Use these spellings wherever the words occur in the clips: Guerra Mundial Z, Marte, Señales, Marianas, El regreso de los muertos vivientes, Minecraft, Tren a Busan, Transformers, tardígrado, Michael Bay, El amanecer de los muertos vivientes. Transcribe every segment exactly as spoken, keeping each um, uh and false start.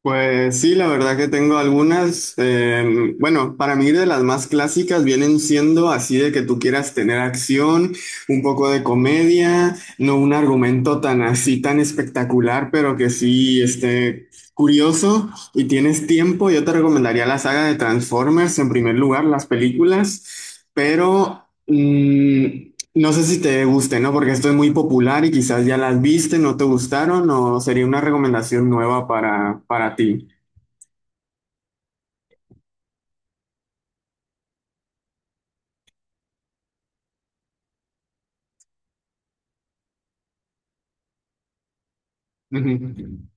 Pues sí, la verdad que tengo algunas. eh, bueno, para mí de las más clásicas vienen siendo así de que tú quieras tener acción, un poco de comedia, no un argumento tan así, tan espectacular, pero que sí esté curioso y tienes tiempo. Yo te recomendaría la saga de Transformers en primer lugar, las películas, pero... mm, no sé si te guste, ¿no? Porque esto es muy popular y quizás ya las viste, no te gustaron o sería una recomendación nueva para, para ti. Ujú.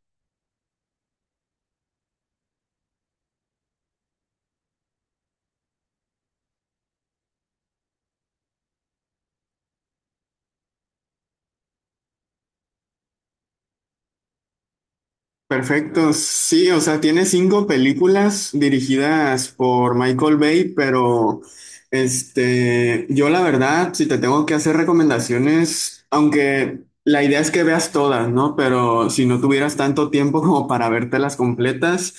Perfecto, sí, o sea, tiene cinco películas dirigidas por Michael Bay, pero este, yo la verdad, si te tengo que hacer recomendaciones, aunque la idea es que veas todas, ¿no? Pero si no tuvieras tanto tiempo como para vértelas completas,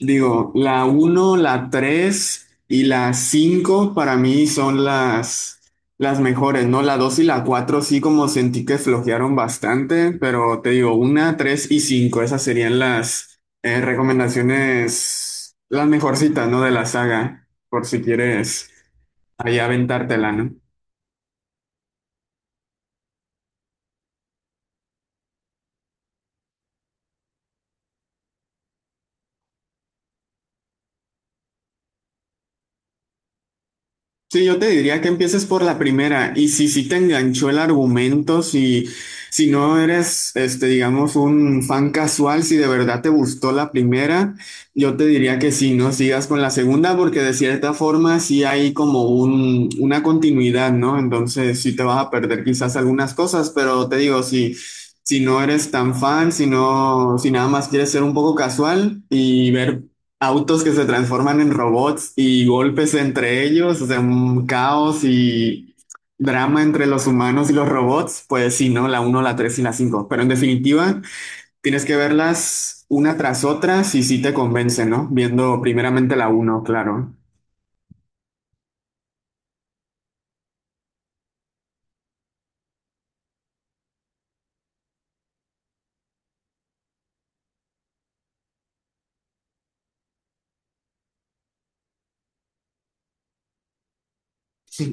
digo, la uno, la tres y la cinco para mí son las las mejores, ¿no? La dos y la cuatro sí como sentí que flojearon bastante, pero te digo, una, tres y cinco esas serían las eh, recomendaciones, las mejorcitas, ¿no? De la saga, por si quieres ahí aventártela, ¿no? Sí, yo te diría que empieces por la primera y si sí te enganchó el argumento, si, si no eres, este, digamos, un fan casual, si de verdad te gustó la primera, yo te diría que sí, no sigas con la segunda porque de cierta forma sí hay como un, una continuidad, ¿no? Entonces sí te vas a perder quizás algunas cosas, pero te digo, si, si no eres tan fan, si no, si nada más quieres ser un poco casual y ver autos que se transforman en robots y golpes entre ellos, o sea, un caos y drama entre los humanos y los robots, pues sí, ¿no? La uno, la tres y la cinco. Pero en definitiva, tienes que verlas una tras otra si sí te convence, ¿no? Viendo primeramente la uno, claro. Sí.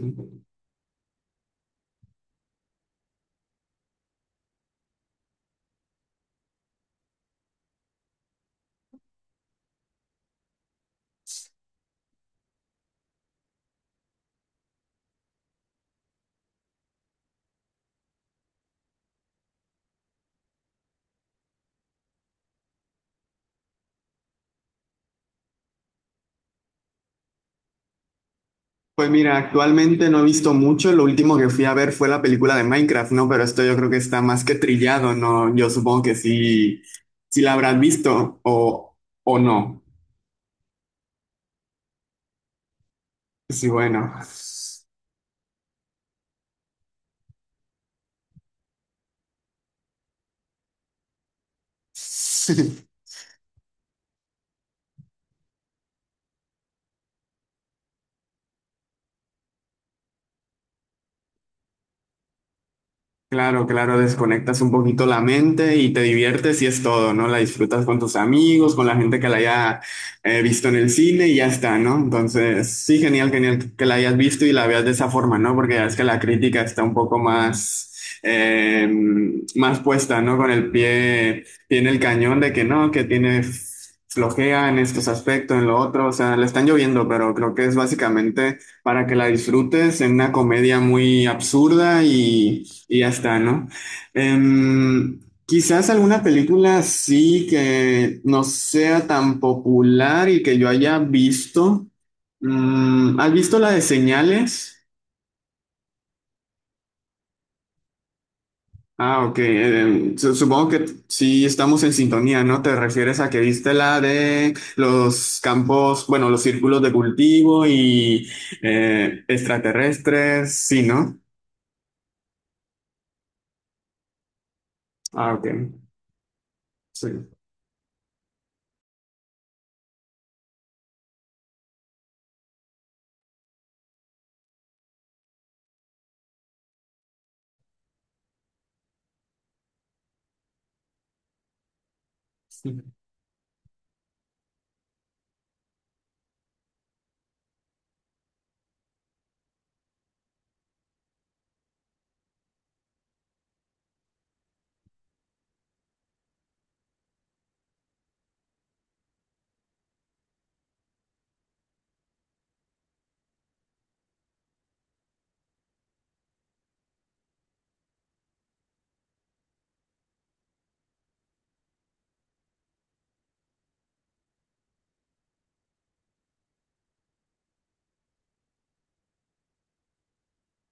Pues mira, actualmente no he visto mucho, lo último que fui a ver fue la película de Minecraft, ¿no? Pero esto yo creo que está más que trillado, ¿no? Yo supongo que sí, sí la habrás visto o, o no. Sí, bueno. Sí. Claro, claro, desconectas un poquito la mente y te diviertes y es todo, ¿no? La disfrutas con tus amigos, con la gente que la haya eh, visto en el cine y ya está, ¿no? Entonces, sí, genial, genial que la hayas visto y la veas de esa forma, ¿no? Porque ya es que la crítica está un poco más, eh, más puesta, ¿no? Con el pie, pie en el cañón de que no, que tiene flojea en estos aspectos, en lo otro, o sea, le están lloviendo, pero creo que es básicamente para que la disfrutes en una comedia muy absurda y y ya está, ¿no? Em, Quizás alguna película sí que no sea tan popular y que yo haya visto. Mm, ¿has visto la de Señales? Ah, ok. Em, su- supongo que sí estamos en sintonía, ¿no? Te refieres a que viste la de los campos, bueno, los círculos de cultivo y eh, extraterrestres, sí, ¿no? Ah, ok. Sí.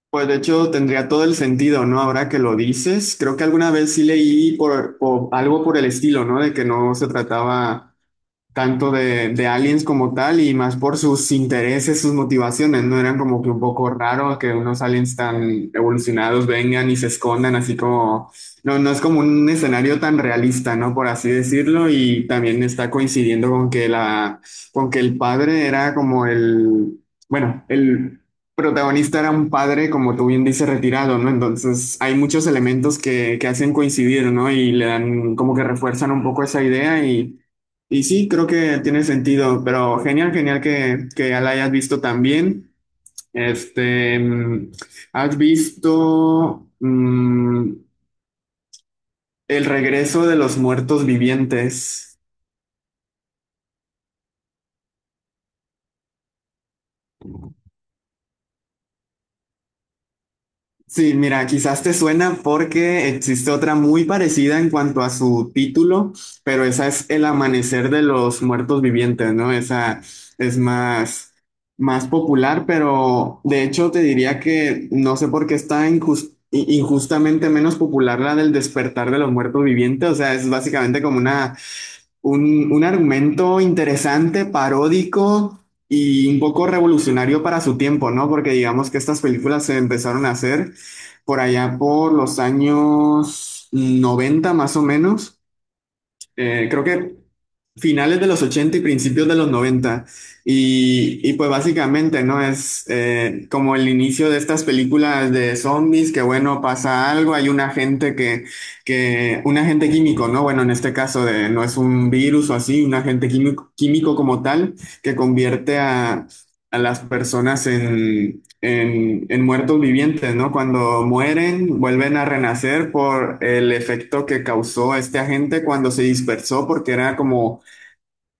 Pues de hecho tendría todo el sentido, ¿no? Ahora que lo dices, creo que alguna vez sí leí por, por- algo por el estilo, ¿no? De que no se trataba tanto de, de aliens como tal y más por sus intereses, sus motivaciones, ¿no? Eran como que un poco raro que unos aliens tan evolucionados vengan y se escondan así como, no, no es como un escenario tan realista, ¿no? Por así decirlo. Y también está coincidiendo con que la, con que el padre era como el, bueno, el protagonista era un padre, como tú bien dices, retirado, ¿no? Entonces hay muchos elementos que, que hacen coincidir, ¿no? Y le dan como que refuerzan un poco esa idea, y Y sí, creo que tiene sentido, pero genial, genial que, que ya la hayas visto también. Este, mm, ¿has visto mm, El regreso de los muertos vivientes? Sí, mira, quizás te suena porque existe otra muy parecida en cuanto a su título, pero esa es El amanecer de los muertos vivientes, ¿no? Esa es más, más popular, pero de hecho te diría que no sé por qué está injus- i- injustamente menos popular la del despertar de los muertos vivientes, o sea, es básicamente como una un, un argumento interesante, paródico y un poco revolucionario para su tiempo, ¿no? Porque digamos que estas películas se empezaron a hacer por allá por los años noventa, más o menos, eh, creo que finales de los ochenta y principios de los noventa. Y, y pues básicamente, ¿no? Es eh, como el inicio de estas películas de zombies, que bueno, pasa algo, hay un agente que, que, un agente químico, ¿no? Bueno, en este caso de, no es un virus o así, un agente químico, químico como tal, que convierte a, a las personas en en, en muertos vivientes, ¿no? Cuando mueren, vuelven a renacer por el efecto que causó este agente cuando se dispersó, porque era como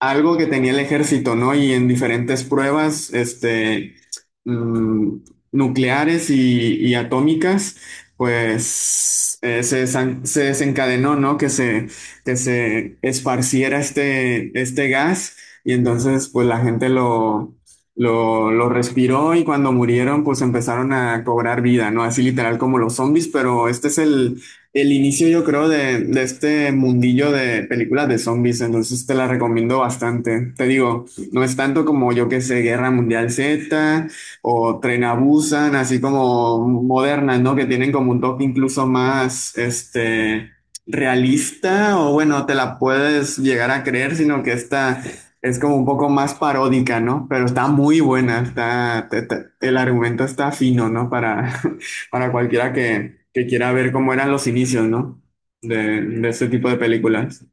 algo que tenía el ejército, ¿no? Y en diferentes pruebas, este, mm, nucleares y, y atómicas, pues eh, se, desan- se desencadenó, ¿no? Que se, que se esparciera este, este gas y entonces, pues la gente lo, lo, lo respiró y cuando murieron, pues empezaron a cobrar vida, ¿no? Así literal como los zombies, pero este es el el inicio, yo creo, de, de este mundillo de películas de zombies. Entonces te la recomiendo bastante. Te digo, no es tanto como yo que sé, Guerra Mundial Z o Tren a Busan, así como modernas, ¿no? Que tienen como un toque incluso más, este, realista o bueno, te la puedes llegar a creer, sino que esta es como un poco más paródica, ¿no? Pero está muy buena, está, te- te- el argumento está fino, ¿no? Para, para cualquiera que, que quiera ver cómo eran los inicios, ¿no? De, de este tipo de películas.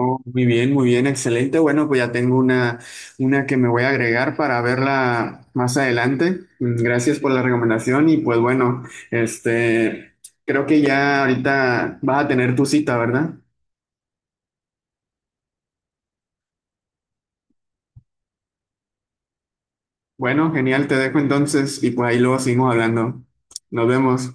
Oh, muy bien, muy bien, excelente. Bueno, pues ya tengo una, una que me voy a agregar para verla más adelante. Gracias por la recomendación y pues bueno, este, creo que ya ahorita vas a tener tu cita, ¿verdad? Bueno, genial, te dejo entonces y pues ahí luego seguimos hablando. Nos vemos.